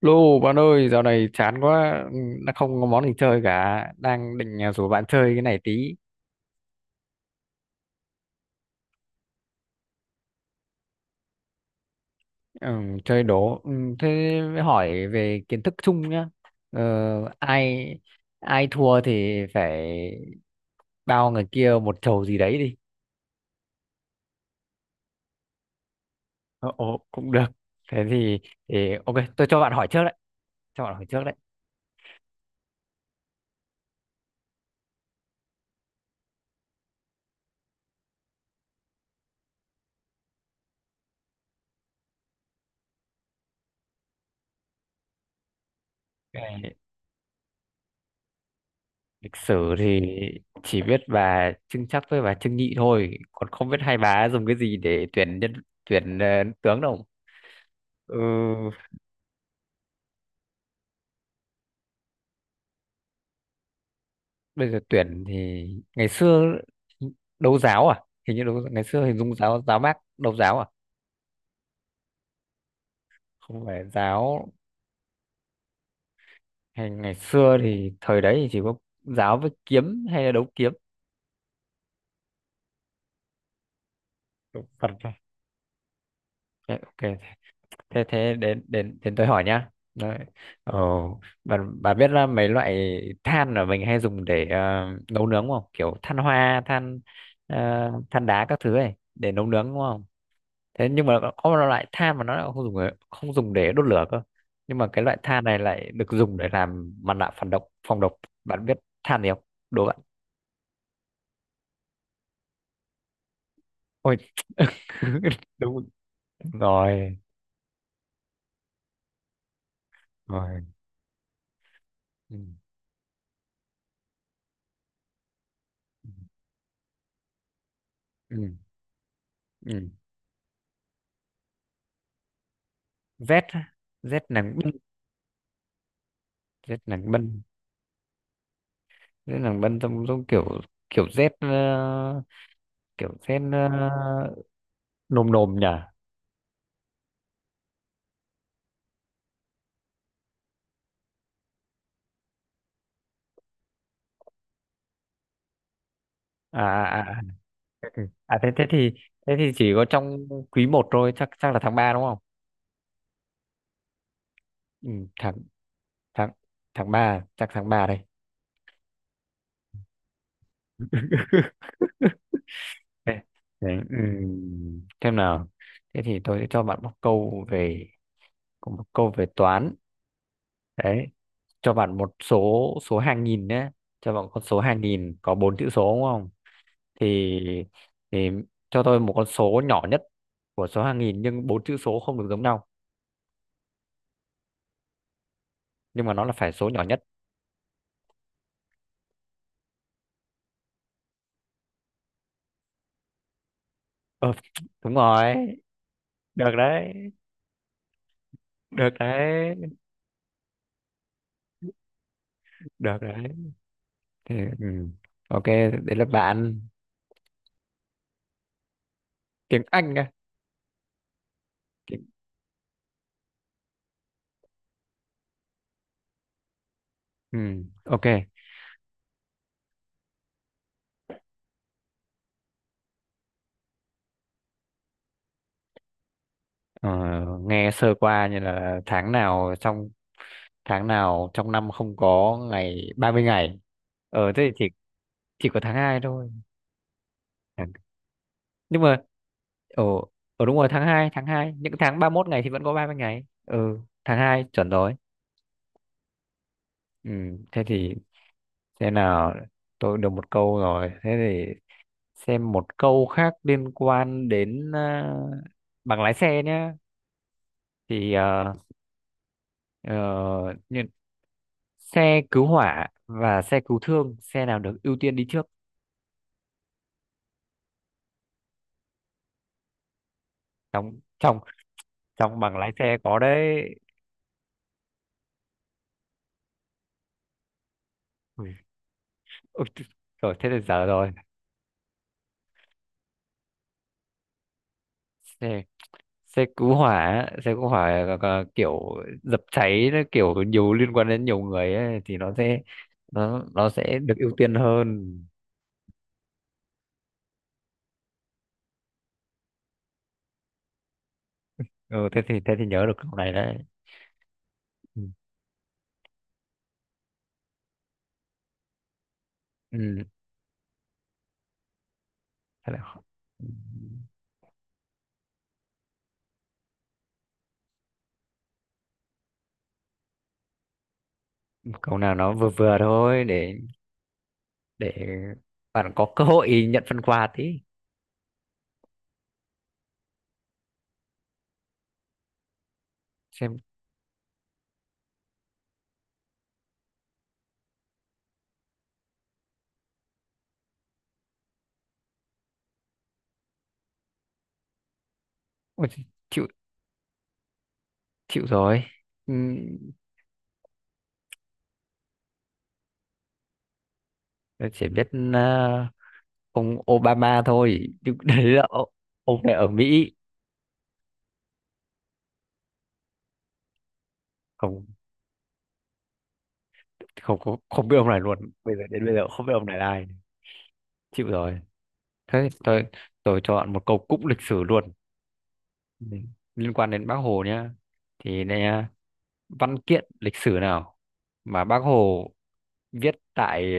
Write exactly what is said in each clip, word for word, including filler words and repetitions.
Lô bạn ơi, dạo này chán quá, ừ, đã không có món gì chơi cả, đang định à, rủ bạn chơi cái này tí. Ừ, chơi đố. Ừ, thế mới hỏi về kiến thức chung nhá. Ờ, ai ai thua thì phải bao người kia một chầu gì đấy đi. Ờ, Ồ, cũng được. Thế thì, thì ok, tôi cho bạn hỏi trước đấy, cho bạn hỏi trước đấy. Cái lịch sử thì chỉ biết bà Trưng Trắc với bà Trưng Nhị thôi, còn không biết hai bà dùng cái gì để tuyển nhân tuyển ờ, tướng đâu. Ừ, bây giờ tuyển thì ngày xưa đấu giáo à, hình như đấu, ngày xưa hình dung giáo, giáo bác đấu giáo à, không phải giáo, hay ngày xưa thì thời đấy thì chỉ có giáo với kiếm hay là đấu kiếm, đấu Phật thôi. Thế- ok, thế thế đến đến đến tôi hỏi nhá đấy. Ờ, bà, bà biết là mấy loại than mà mình hay dùng để ờ, nấu nướng không, kiểu than hoa, than ờ, than đá các thứ ấy để nấu nướng đúng không? Thế nhưng mà có một loại than mà nó lại không dùng để- không dùng để đốt lửa cơ, nhưng mà cái loại than này lại được dùng để làm mặt nạ phản độc, phòng độc. Bạn biết than gì không? Đố bạn. Ôi! Đúng rồi. Rồi. Ừ. Ừ. Ừ. Z á. Z nàng bân Z nàng bân Z nàng bân trong trong kiểu kiểu Z, ờ, kiểu Z, ờ, nồm nồm nhỉ. à, à, à à, thế thế thì Thế thì chỉ có trong quý một thôi, chắc chắc là tháng ba đúng không? Ừ, tháng tháng tháng ba, chắc tháng ba đây. Ê, đấy, ừm, xem nào, thế thì tôi sẽ cho bạn một câu về có một câu về toán đấy, cho bạn một số, số hàng nghìn nhé, cho bạn con số hàng nghìn có bốn chữ số đúng không? Thì thì cho tôi một con số nhỏ nhất của số hàng nghìn, nhưng bốn chữ số không được giống nhau, nhưng mà nó là phải số nhỏ nhất. ờ, Đúng rồi, được đấy, được đấy, được đấy. Thì, ừm, ok, đấy là bạn. Tiếng Anh. Ừ, ok. Ờ, Nghe sơ qua như là tháng nào trong tháng nào trong năm không có ngày ba mươi ngày. Ờ thế thì chỉ chỉ có tháng hai thôi. Tháng- Nhưng mà ở ở đúng rồi, tháng hai tháng hai, những tháng ba mươi mốt ngày thì vẫn có ba mươi ngày. Ừ, tháng hai chuẩn rồi. Ừ, thế thì thế nào, tôi được một câu rồi. Thế thì xem một câu khác liên quan đến à, bằng lái xe nhá. Thì uh, xe cứu hỏa và xe cứu thương, xe nào được ưu tiên đi trước? Trong trong trong bằng lái xe có đấy. Ui, ôi, chứ- rồi thế là dở rồi. Xe Xe cứu hỏa, xe cứu hỏa là- là kiểu dập cháy, nó kiểu nhiều liên quan đến nhiều người ấy, thì nó sẽ nó nó sẽ được ưu tiên hơn. Ừ, thế thì thế thì nhớ được câu này đấy. Ừ. Ừ. thế là- ừ, câu nào nó vừa vừa thôi, để để bạn có cơ hội nhận phần quà tí xem. Ôi, chịu chịu rồi. Ừ, tôi chỉ biết à, ông Obama thôi, nhưng đấy là ô- ông này ở Mỹ. Không, không, không, không biết ông này luôn, bây giờ đến bây giờ cũng không biết ông này là ai, chịu rồi. Thế tôi tôi chọn một câu cũng lịch sử luôn. Ừ, liên quan đến Bác Hồ nhá, thì nè, văn kiện lịch sử nào mà Bác Hồ viết tại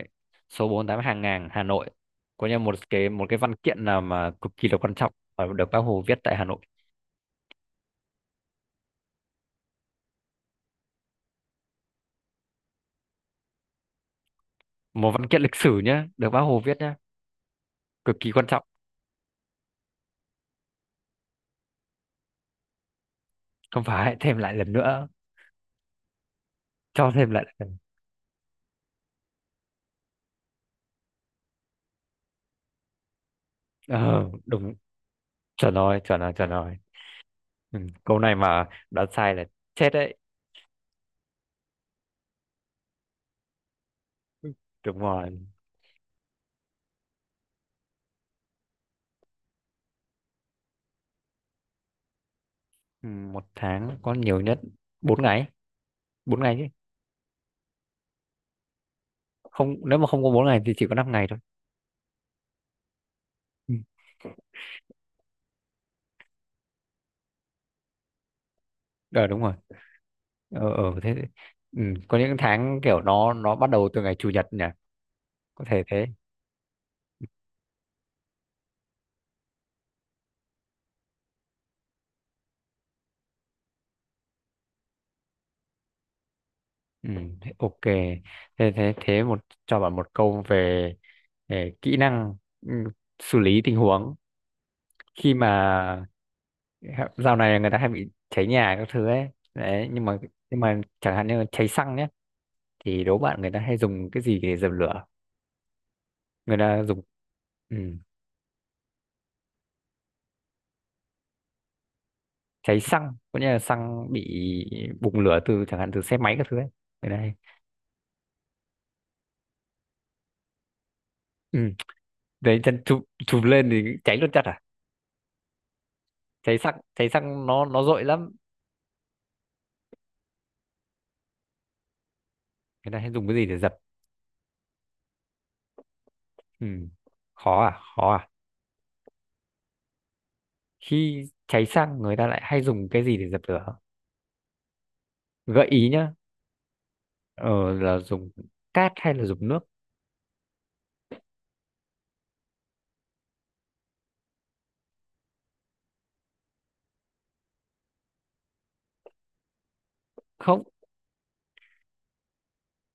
uh, số bốn mươi tám Hàng Ngang Hà Nội, có như một cái một cái văn kiện nào mà cực kỳ là quan trọng và được Bác Hồ viết tại Hà Nội. Một văn kiện lịch sử nhá, được Bác Hồ viết nhá, cực kỳ quan trọng. Không phải, thêm lại lần nữa, cho thêm lại lần. ờ, Đúng, chuẩn rồi, chuẩn rồi, chuẩn rồi. Ừ, câu này mà đã sai là chết đấy. Ừ, đúng rồi. Ừ, một tháng có nhiều nhất bốn ngày, bốn ngày chứ. Không, nếu mà không có bốn ngày thì chỉ có năm ngày thôi. Ừ. ờ Đúng rồi. Ờ ờ thế. Ừ. Có những tháng kiểu nó nó bắt đầu từ ngày chủ nhật nhỉ, có thể thế. Ừ. Thế ok, thế thế thế một, cho bạn một câu về, về kỹ năng, ừ, xử lý tình huống. Khi mà hẹ- dạo này người ta hay bị cháy nhà các thứ ấy đấy, nhưng mà nhưng mà chẳng hạn như là cháy xăng nhé, thì đố bạn người ta hay dùng cái gì để dập lửa, người ta dùng? Ừ, cháy xăng có nghĩa là xăng bị bùng lửa từ chẳng hạn từ xe máy các thứ ấy, người ta hay, ừ, đấy chân chụp chụp lên thì cháy luôn chặt à. Cháy xăng, cháy xăng nó nó dội lắm. Người ta hay dùng cái gì để dập? Ừ. Khó à, khó à, khi cháy xăng người ta lại hay dùng cái gì để dập lửa, gợi ý nhá. ờ, là dùng cát hay là dùng nước? Không,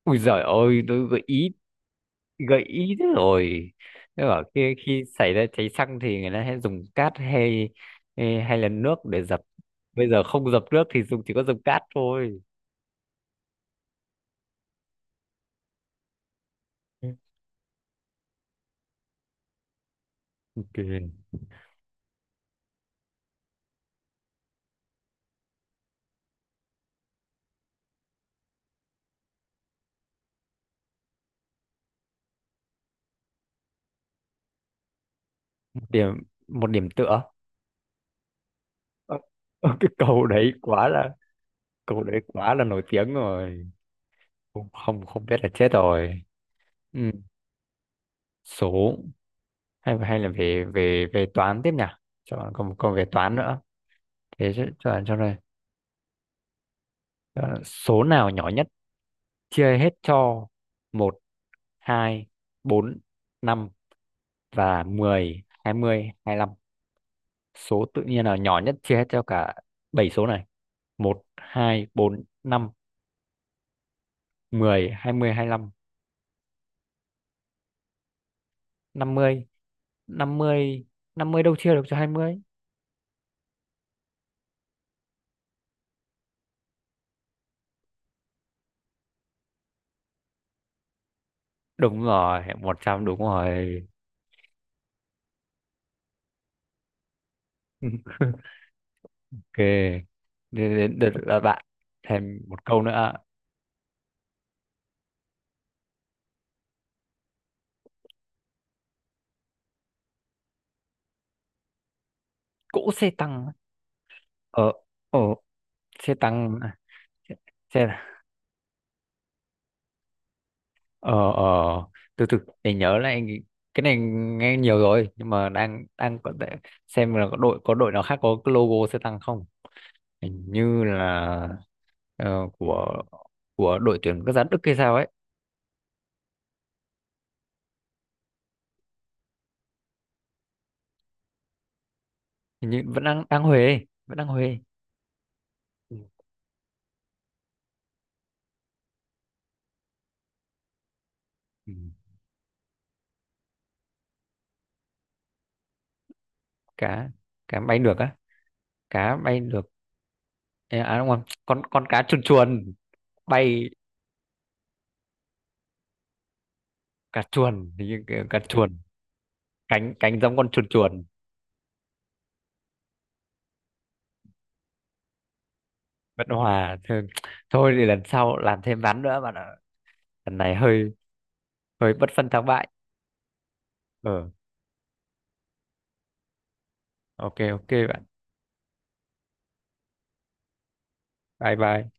ui giời ơi tôi gợi ý, gợi ý thế rồi. Thế bảo khi khi xảy ra cháy xăng thì người ta hay dùng cát, hay hay hay là nước để dập. Bây giờ không dập nước thì dùng, chỉ có dập cát thôi. Ok, điểm, một điểm tựa. Ờ, ờ, cái cầu đấy quá là, cầu đấy quá là nổi tiếng rồi. Không, không, không biết là chết rồi. Ừ. Số, hay hay là về về về toán tiếp nhỉ? Chọn, còn còn về toán nữa. Thế chứ- chọn cho này. Chọn số nào nhỏ nhất chia hết cho một, hai, bốn, năm và mười, hai mươi, hai lăm. Số tự nhiên nào nhỏ nhất chia hết cho cả bảy số này? Một, hai, bốn, năm, mười, hai mươi, hai lăm. Năm mươi, năm mươi, năm mươi đâu chia được cho hai mươi. Đúng rồi, một trăm, đúng rồi. Ok, đến đến đợt là bạn. Thêm một câu nữa. Cỗ xe tăng á. ờ ờ Xe tăng à? Xe xe- ờ ờ Từ từ để nhớ lại, cái này nghe nhiều rồi nhưng mà đang đang có thể xem là có đội có đội nào khác có cái logo xe tăng không. Hình như là ờ, của của đội tuyển quốc gia Đức hay sao ấy. Hình như vẫn đang đang Huế, vẫn đang Huế. Ừ. cá Cá bay được á? Cá bay được. Ê, à đúng không, con con cá chuồn chuồn bay? Cá chuồn thì như kiểu cá chuồn, cánh cánh giống con chuồn chuồn. Bất hòa thôi, thôi thì lần sau làm thêm ván nữa bạn ạ, lần này hơi hơi bất phân thắng bại. ờ ok, ok bạn, bye bye.